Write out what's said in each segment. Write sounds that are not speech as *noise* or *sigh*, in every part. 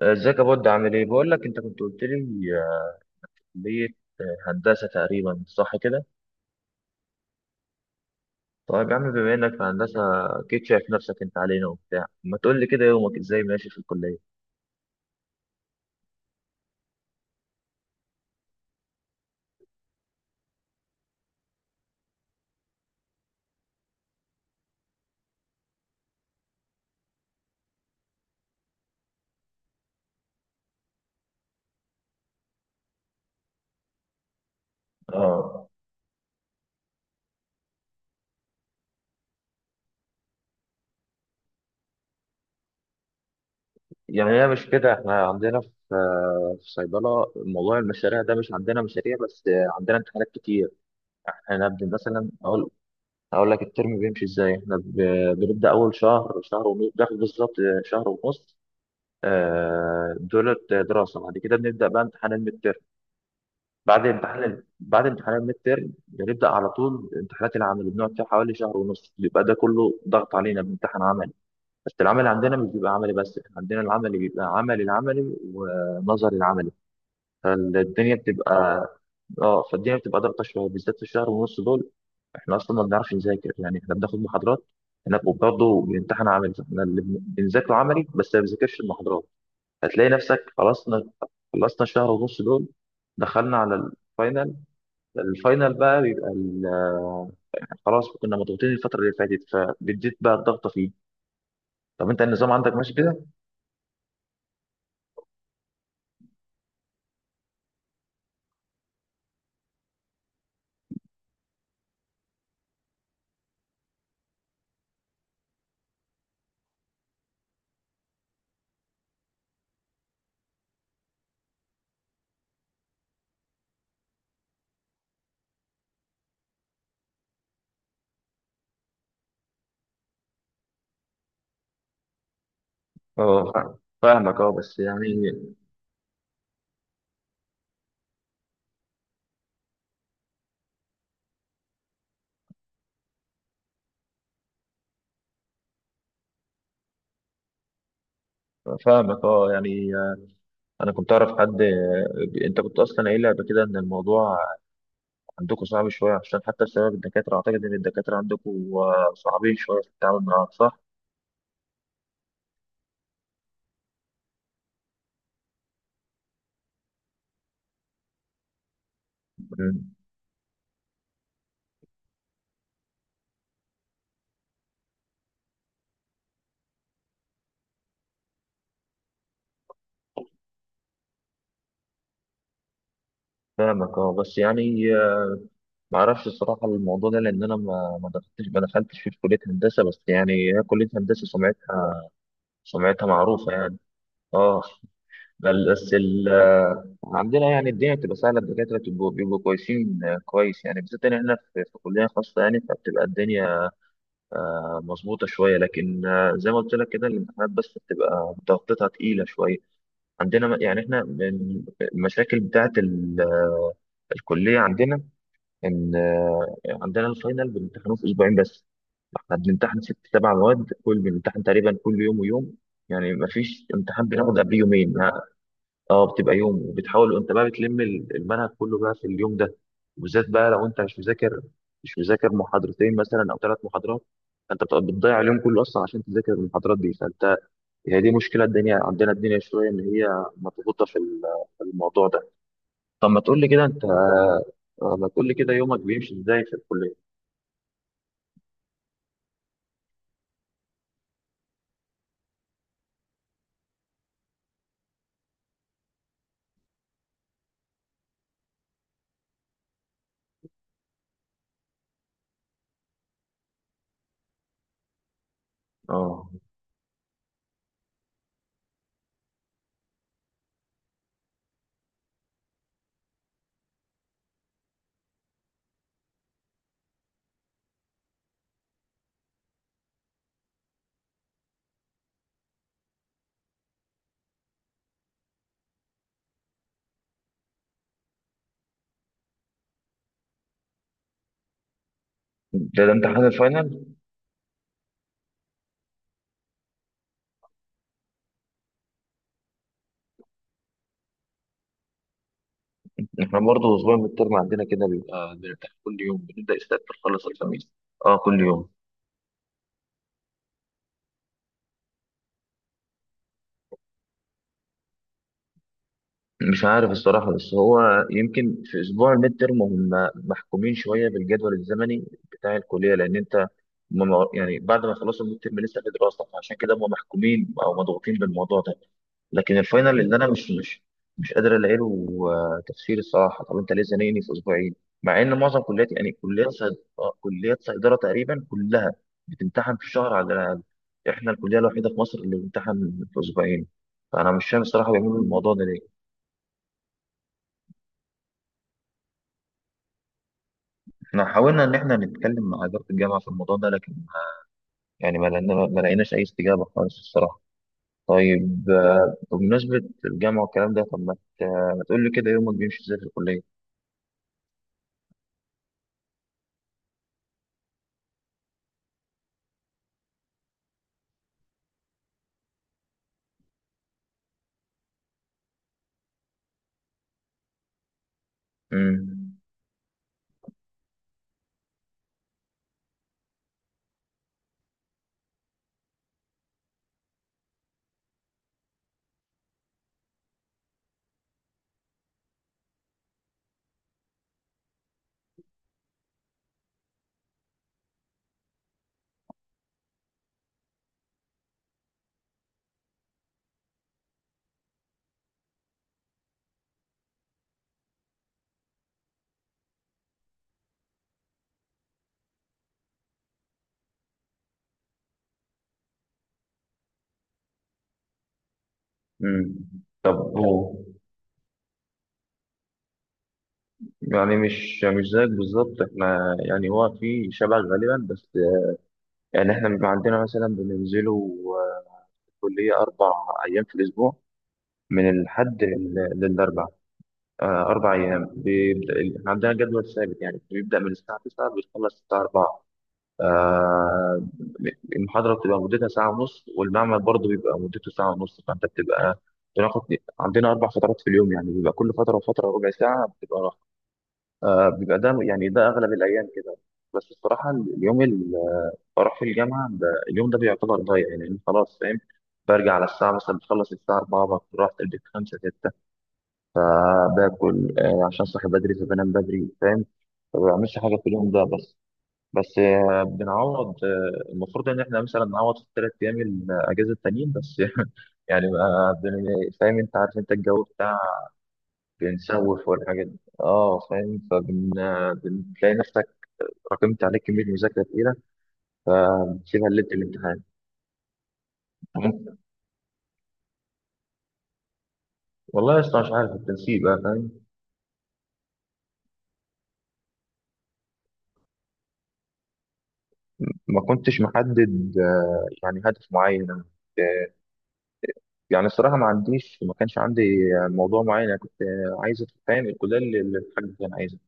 ازيك يا بود؟ عامل ايه؟ بقول لك انت كنت قلت لي آه، كليه. هندسه تقريبا، صح كده؟ طيب يا عم، بما انك في هندسه اكيد شايف نفسك انت علينا وبتاع. ما تقول لي كده يومك ازاي ماشي في الكليه؟ اه، يعني هي مش كده. احنا عندنا في صيدله موضوع المشاريع ده، مش عندنا مشاريع بس، عندنا امتحانات كتير. احنا نبدا مثلا اقول. هقول لك الترم بيمشي ازاي. احنا بنبدا اول شهر، شهر ونص بناخد بالظبط، شهر ونص. دولت دراسه. بعد كده بنبدا بقى امتحان الميد. بعد امتحان الميد تيرم بنبدا على طول امتحانات العمل، بنقعد فيها حوالي شهر ونص. بيبقى ده كله ضغط علينا، بنمتحن عملي. بس العمل عندنا مش بيبقى عملي بس، احنا عندنا العملي بيبقى عملي، العملي ونظري العملي، فالدنيا بتبقى. اه، فالدنيا بتبقى ضغطه شويه بالذات في الشهر ونص دول. احنا اصلا ما بنعرفش نذاكر، يعني احنا بناخد محاضرات. احنا برضه بنمتحن عملي، فاحنا اللي بنذاكره عملي بس، ما بنذاكرش المحاضرات. هتلاقي نفسك خلصنا، خلصنا الشهر ونص دول، دخلنا على الفاينل. الفاينل بقى بيبقى خلاص، كنا مضغوطين الفترة اللي فاتت، فبديت بقى الضغطة فيه. طب انت النظام عندك ماشي كده؟ اه، فاهمك. اه بس يعني. فاهمك. اه يعني انا كنت اعرف حد. انت كنت اصلا قايل لي قبل كده ان الموضوع عندكم صعب شويه، عشان حتى بسبب الدكاتره اعتقد ان الدكاتره عندكم صعبين شويه في التعامل معاهم، صح؟ مم. فاهمك. اه بس يعني، ما اعرفش الصراحه الموضوع ده، لان انا ما دخلتش، في كليه هندسه بس يعني. هي كليه هندسه سمعتها، معروفة يعني. اه، بل بس ال آه، عندنا يعني الدنيا بتبقى سهلة، الدكاترة بيبقوا كويسين، كويس يعني، بالذات إن إحنا في كلية خاصة، يعني فبتبقى الدنيا مظبوطة شوية. لكن زي ما قلت لك كده الامتحانات بس بتبقى ضغطتها تقيلة شوية. عندنا يعني إحنا من المشاكل بتاعة الكلية عندنا، إن عندنا الفاينل بنمتحنه في أسبوعين بس. احنا بنمتحن ست سبع مواد، كل بنمتحن تقريبا كل يوم ويوم. يعني ما فيش امتحان بناخد قبل يومين. اه، بتبقى يوم وبتحاول وانت بقى بتلم المنهج كله بقى في اليوم ده. وبالذات بقى لو انت مش مذاكر محاضرتين مثلا، او ثلاث محاضرات. فانت بتبقى بتضيع اليوم كله اصلا عشان تذاكر المحاضرات دي، فانت. هي دي مشكله الدنيا عندنا، الدنيا شويه ان هي مضغوطه في الموضوع ده. طب ما تقول لي كده انت، ما تقول لي كده يومك بيمشي ازاي في الكليه؟ اه، ده امتحان الفاينل. احنا برضه اسبوع من الترم عندنا كده بيبقى بنمتحن كل يوم، بنبدا السبت نخلص الخميس. اه، كل يوم. مش عارف الصراحة، بس هو يمكن في أسبوع الميد ترم هم محكومين شوية بالجدول الزمني بتاع الكلية، لأن أنت. هم يعني بعد ما خلصوا الميد ترم لسه في دراسة، فعشان كده هم محكومين أو مضغوطين بالموضوع ده. لكن الفاينل اللي أنا مش قادر ألاقي له تفسير الصراحة. طب أنت ليه زنقني في أسبوعين، مع إن معظم كليات يعني كليات صيدلة تقريبا كلها بتمتحن في شهر على الأقل. إحنا الكلية الوحيدة في مصر اللي بتمتحن في أسبوعين. فأنا مش فاهم الصراحة بيعملوا الموضوع ده ليه. احنا حاولنا ان احنا نتكلم مع اداره الجامعه في الموضوع ده، لكن يعني ما لقيناش اي استجابه خالص الصراحه. طيب، بمناسبه الجامعه والكلام ده، طب ما تقول لي كده يومك بيمشي ازاي في الكليه؟ امم امم طب هو يعني مش زيك بالظبط، احنا يعني هو في شبه غالبا بس. يعني احنا بيبقى عندنا مثلا بننزلوا الكلية 4 أيام في الأسبوع، من الحد للأربع. 4 أيام. بيبدأ عندنا جدول ثابت يعني، بيبدأ من الساعة 9 بيخلص الساعة 4. آه، المحاضرة بتبقى مدتها ساعة ونص، والمعمل برضه بيبقى مدته ساعة ونص، فأنت بتبقى بناخد. عندنا أربع فترات في اليوم يعني، بيبقى كل فترة وفترة ربع ساعة بتبقى راحة. بيبقى ده، يعني ده أغلب الأيام كده. بس الصراحة اليوم اللي بروح فيه الجامعة ده، اليوم ده بيعتبر ضايع يعني، لأن خلاص فاهم. برجع على الساعة مثلا بخلص الساعة 4 بكون رحت البيت 5، 6. فباكل، عشان صاحي بدري فبنام بدري، فاهم. ما بعملش حاجه في اليوم ده بس. بس بنعوض، المفروض ان احنا مثلا نعوض في الثلاث ايام الاجازه التانيين بس *laughs* يعني ما بن- فاهم انت، عارف انت الجو بتاع. بنسوف والحاجات دي، اه فاهم، فبن آه، بتلاقي نفسك راكمت عليك كميه مذاكره تقيله، فبتسيبها ليله الامتحان. *laughs* ممكن- والله يا اسطى، مش عارف التنسيق بقى، فاهم. ما كنتش محدد يعني هدف معين. يعني الصراحة، ما كانش عندي موضوع معين. أنا كنت عايز أدخل، فاهم، الكلية اللي الحاج كان عايزها.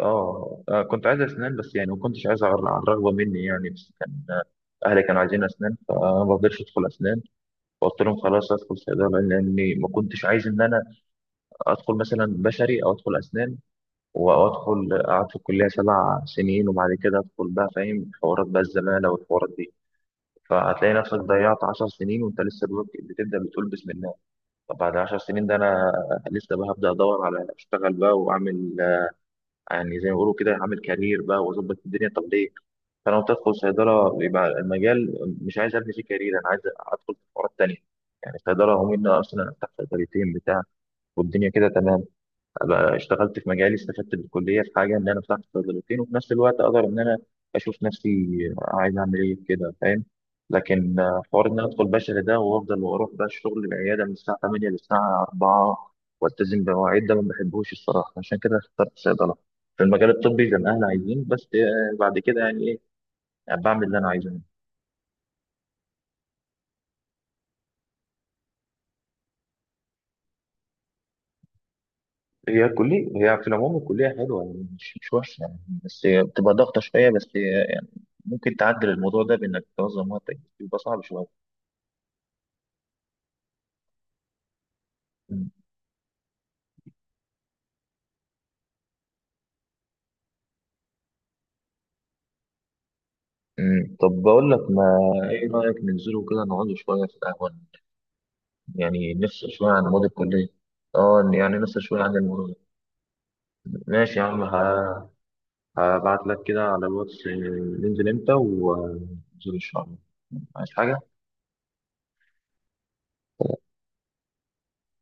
كنت عايز أسنان بس، يعني ما كنتش عايز على على الرغبة مني، يعني بس كان أهلي كانوا عايزين أسنان، فأنا ما رضيتش أدخل أسنان. فقلت لهم خلاص أدخل صيدلة، لأني ما كنتش عايز إن أنا أدخل مثلا بشري أو أدخل أسنان، وأدخل أقعد في الكلية 7 سنين وبعد كده أدخل بقى فاهم، حوارات بقى الزمالة والحوارات دي. فهتلاقي نفسك ضيعت 10 سنين وأنت لسه بتبدأ بتقول بسم. طب بعد 10 سنين ده انا لسه بقى هبدا ادور على اشتغل بقى واعمل، يعني زي ما بيقولوا كده، اعمل كارير بقى واظبط الدنيا، طب ليه؟ فانا وأنت ادخل صيدله، يبقى المجال مش عايز ابني فيه كارير، انا عايز ادخل في حوارات تانيه. يعني صيدله، هم ان انا اصلا افتح صيدليتين بتاع، والدنيا كده تمام. أبقى اشتغلت في مجالي، استفدت بالكليه في حاجه ان انا فتحت صيدليتين، وفي نفس الوقت اقدر ان انا اشوف نفسي عايز اعمل ايه كده، فاهم. لكن حوار ان انا ادخل بشري ده، وافضل واروح بقى الشغل العياده من الساعه 8 للساعه 4، والتزم بمواعيد، ده ما بحبوش الصراحه، عشان كده اخترت صيدله في المجال الطبي زي ما احنا عايزين بس. بعد كده يعني ايه، يعني بعمل اللي انا عايزه. هي الكلية، هي في العموم الكلية حلوة يعني، مش وحشة يعني، بس هي بتبقى ضغطة شوية بس. ممكن تعدل الموضوع ده بانك تنظم وقتك، بس يبقى صعب شويه. مم. مم. طب بقول لك، ما ايه رايك ننزلوا كده نقعدوا شويه في القهوه، يعني نفصل شويه عن مواد الكليه. اه، يعني نفصل شويه عن الموضوع ده. ماشي يا عم، هبعت لك كده على الواتس، ننزل امتى وننزل ان شاء الله. عايز حاجه؟